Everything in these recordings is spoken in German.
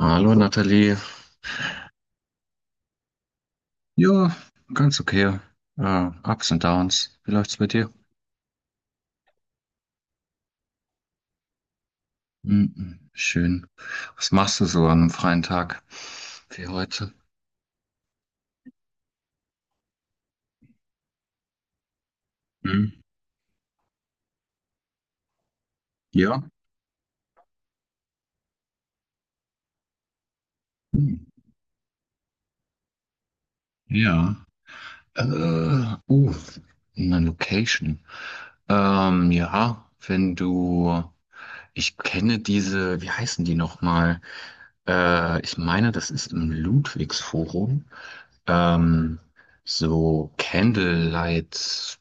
Hallo Nathalie. Ja, ganz okay. Ups und Downs. Wie läuft's bei dir? Mhm, schön. Was machst du so an einem freien Tag wie heute? Mhm. Ja. Mhm. Ja. Äh, uh, eine Location. Ja, wenn du. Ich kenne diese, wie heißen die nochmal? Ich meine, das ist im Ludwigsforum. Ähm, so Candlelight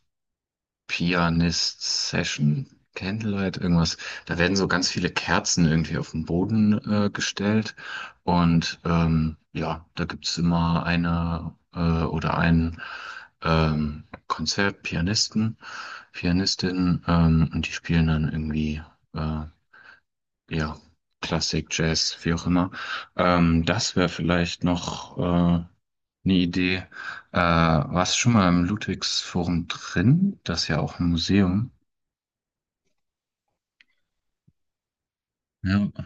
Pianist Session, Candlelight, irgendwas. Da werden so ganz viele Kerzen irgendwie auf den Boden gestellt. Und ja, da gibt's immer eine oder einen Konzertpianisten, Pianistin, und die spielen dann irgendwie äh, ja, Klassik, Jazz, wie auch immer. Das wäre vielleicht noch eine Idee. Warst du schon mal im Ludwigsforum drin? Das ist ja auch ein Museum. Ja.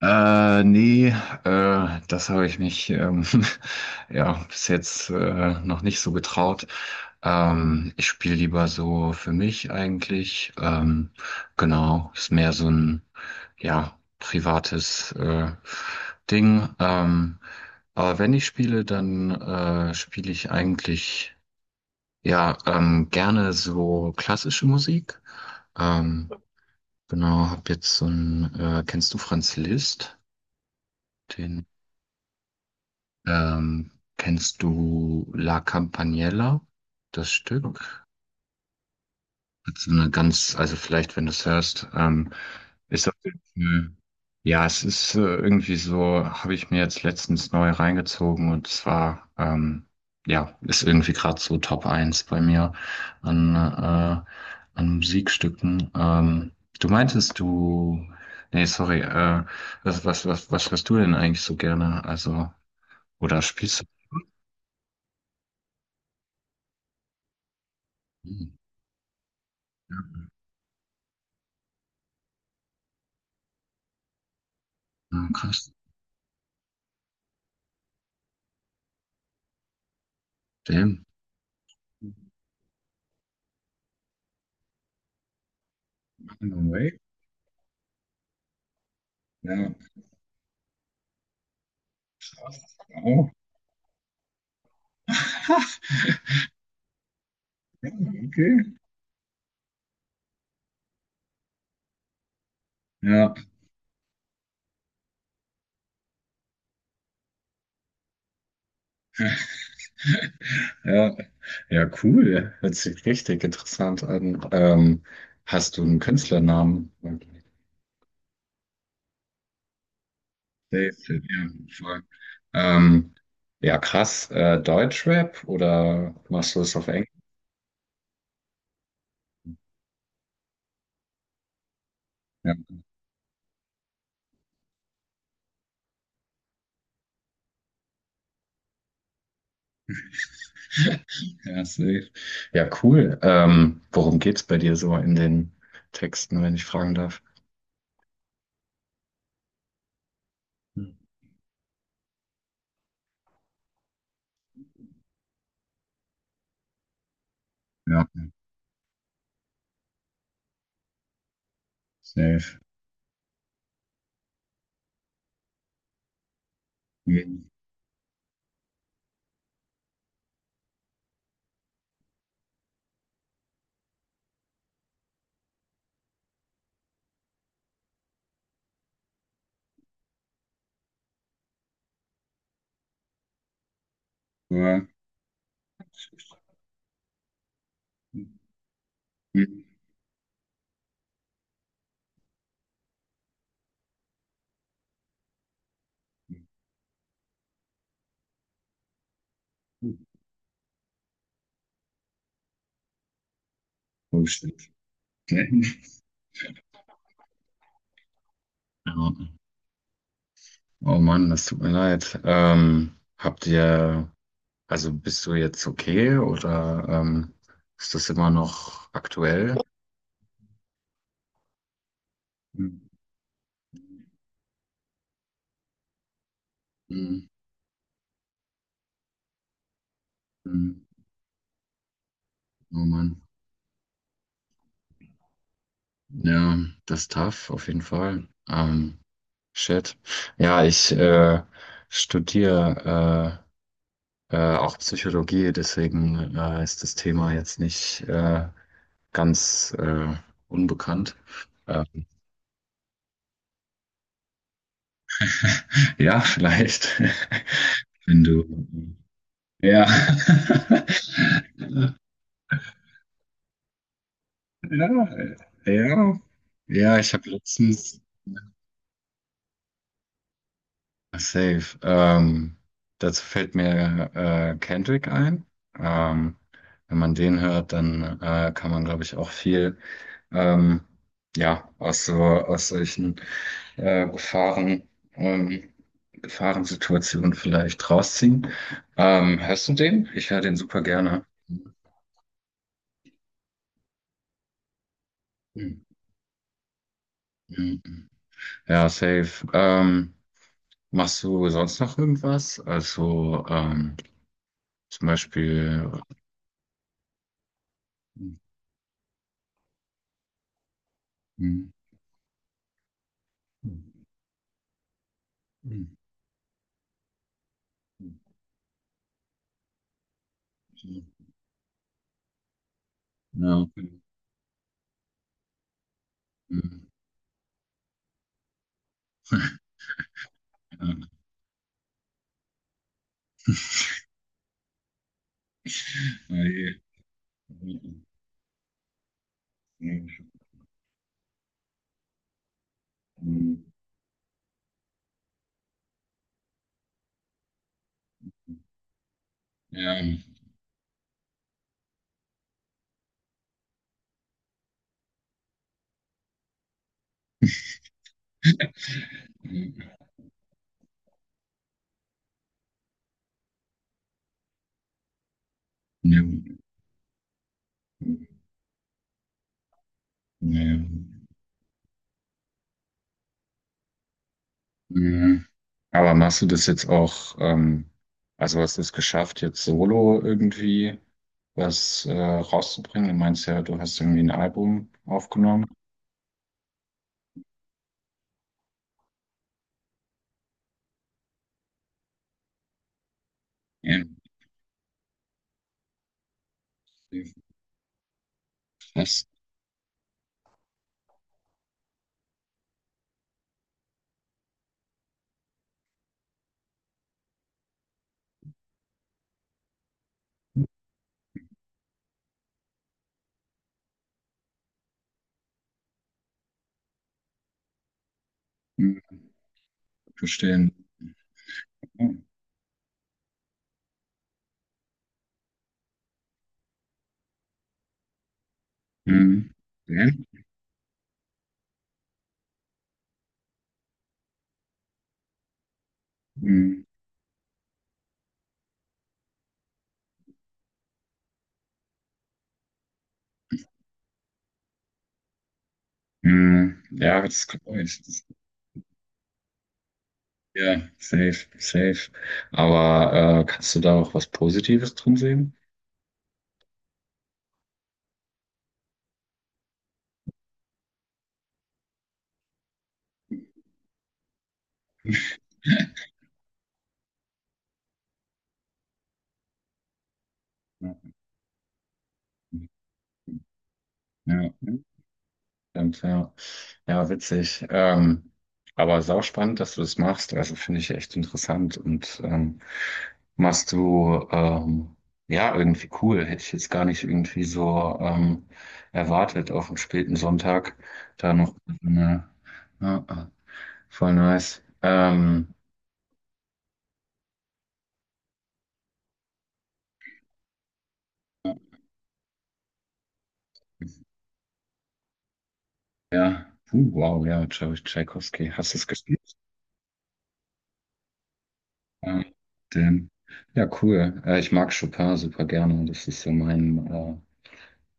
Nee, das habe ich mich ja bis jetzt noch nicht so getraut. Ich spiele lieber so für mich eigentlich. Genau, ist mehr so ein ja privates Ding. Aber wenn ich spiele, dann spiele ich eigentlich ja gerne so klassische Musik. Ähm, genau, hab jetzt so ein kennst du Franz Liszt? Den, ähm, kennst du La Campaniella, das Stück? Hat so eine ganz, also vielleicht, wenn du es hörst, ist auf jeden Fall, ja, es ist irgendwie so, habe ich mir jetzt letztens neu reingezogen und zwar, ja, ist irgendwie gerade so Top eins bei mir an, an Musikstücken. Du meintest, du, nee, sorry, was hörst du denn eigentlich so gerne? Also, oder spielst du? Hm, ja, ja, krass. Damn. No way. Ja, krass. Wow. Okay. Ja, ja, ja, cool. Hört sich richtig interessant an. Hast du einen Künstlernamen? Dave, ja, voll. Ähm, ja, krass. Deutschrap oder machst du es auf Englisch? Ja, ja, safe. Ja, cool. Worum geht's bei dir so in den Texten, wenn ich fragen darf? Hm. Ja, safe. Mhm. Ja. Oh Mann, das tut mir leid. Habt ihr, also bist du jetzt okay oder ist das immer noch aktuell? Mhm. Mhm. Oh Mann. Ja, das ist tough, auf jeden Fall. Shit. Ja, ich studiere auch Psychologie, deswegen ist das Thema jetzt nicht ganz unbekannt. Ähm, Ja, vielleicht. Wenn du ja. Ja, ja. Ja, ich habe letztens safe. Dazu fällt mir Kendrick ein. Ähm, Wenn man den hört, dann kann man, glaube ich, auch viel ähm, ja, aus so aus solchen Gefahren, ähm, Gefahrensituationen vielleicht rausziehen. Hörst du den? Ich höre den super gerne. Hm, hm, hm. Ja, safe. Machst du sonst noch irgendwas? Also zum Beispiel. Hm, hm, hm, hm, hm, hm. Ja. Hm, hm. Ja, je. Hm, hm, hm. Ja, hm, hm. Ja, hm, hm. Ja. Mhm. Aber machst du das jetzt auch, also hast du es geschafft, jetzt solo irgendwie was rauszubringen? Du meinst ja, du hast irgendwie ein Album aufgenommen. Ja, fast mhm. Verstehen. Mhm. Ja. Mhm. Mhm. Ja, das kann ich. Das- Ja, safe, safe. Aber kannst du da auch was Positives drin sehen? Ja. Ja. Stimmt, ja. Ja, witzig. Aber sauspannend, dass du das machst. Also finde ich echt interessant und machst du ja irgendwie cool. Hätte ich jetzt gar nicht irgendwie so erwartet auf einen späten Sonntag. Da noch so eine, ja, ah, voll nice. Ja, Puh, wow, ja, Tscha- Tschaikowski. Hast du es gespielt? Ja, den. Ja, cool. Ich mag Chopin super gerne. Das ist so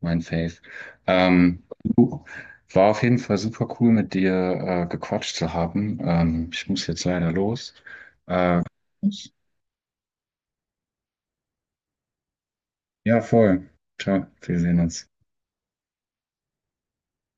mein Faith. Ähm, War auf jeden Fall super cool, mit dir gequatscht zu haben. Ich muss jetzt leider los. Äh, ja, voll. Ciao, wir sehen uns.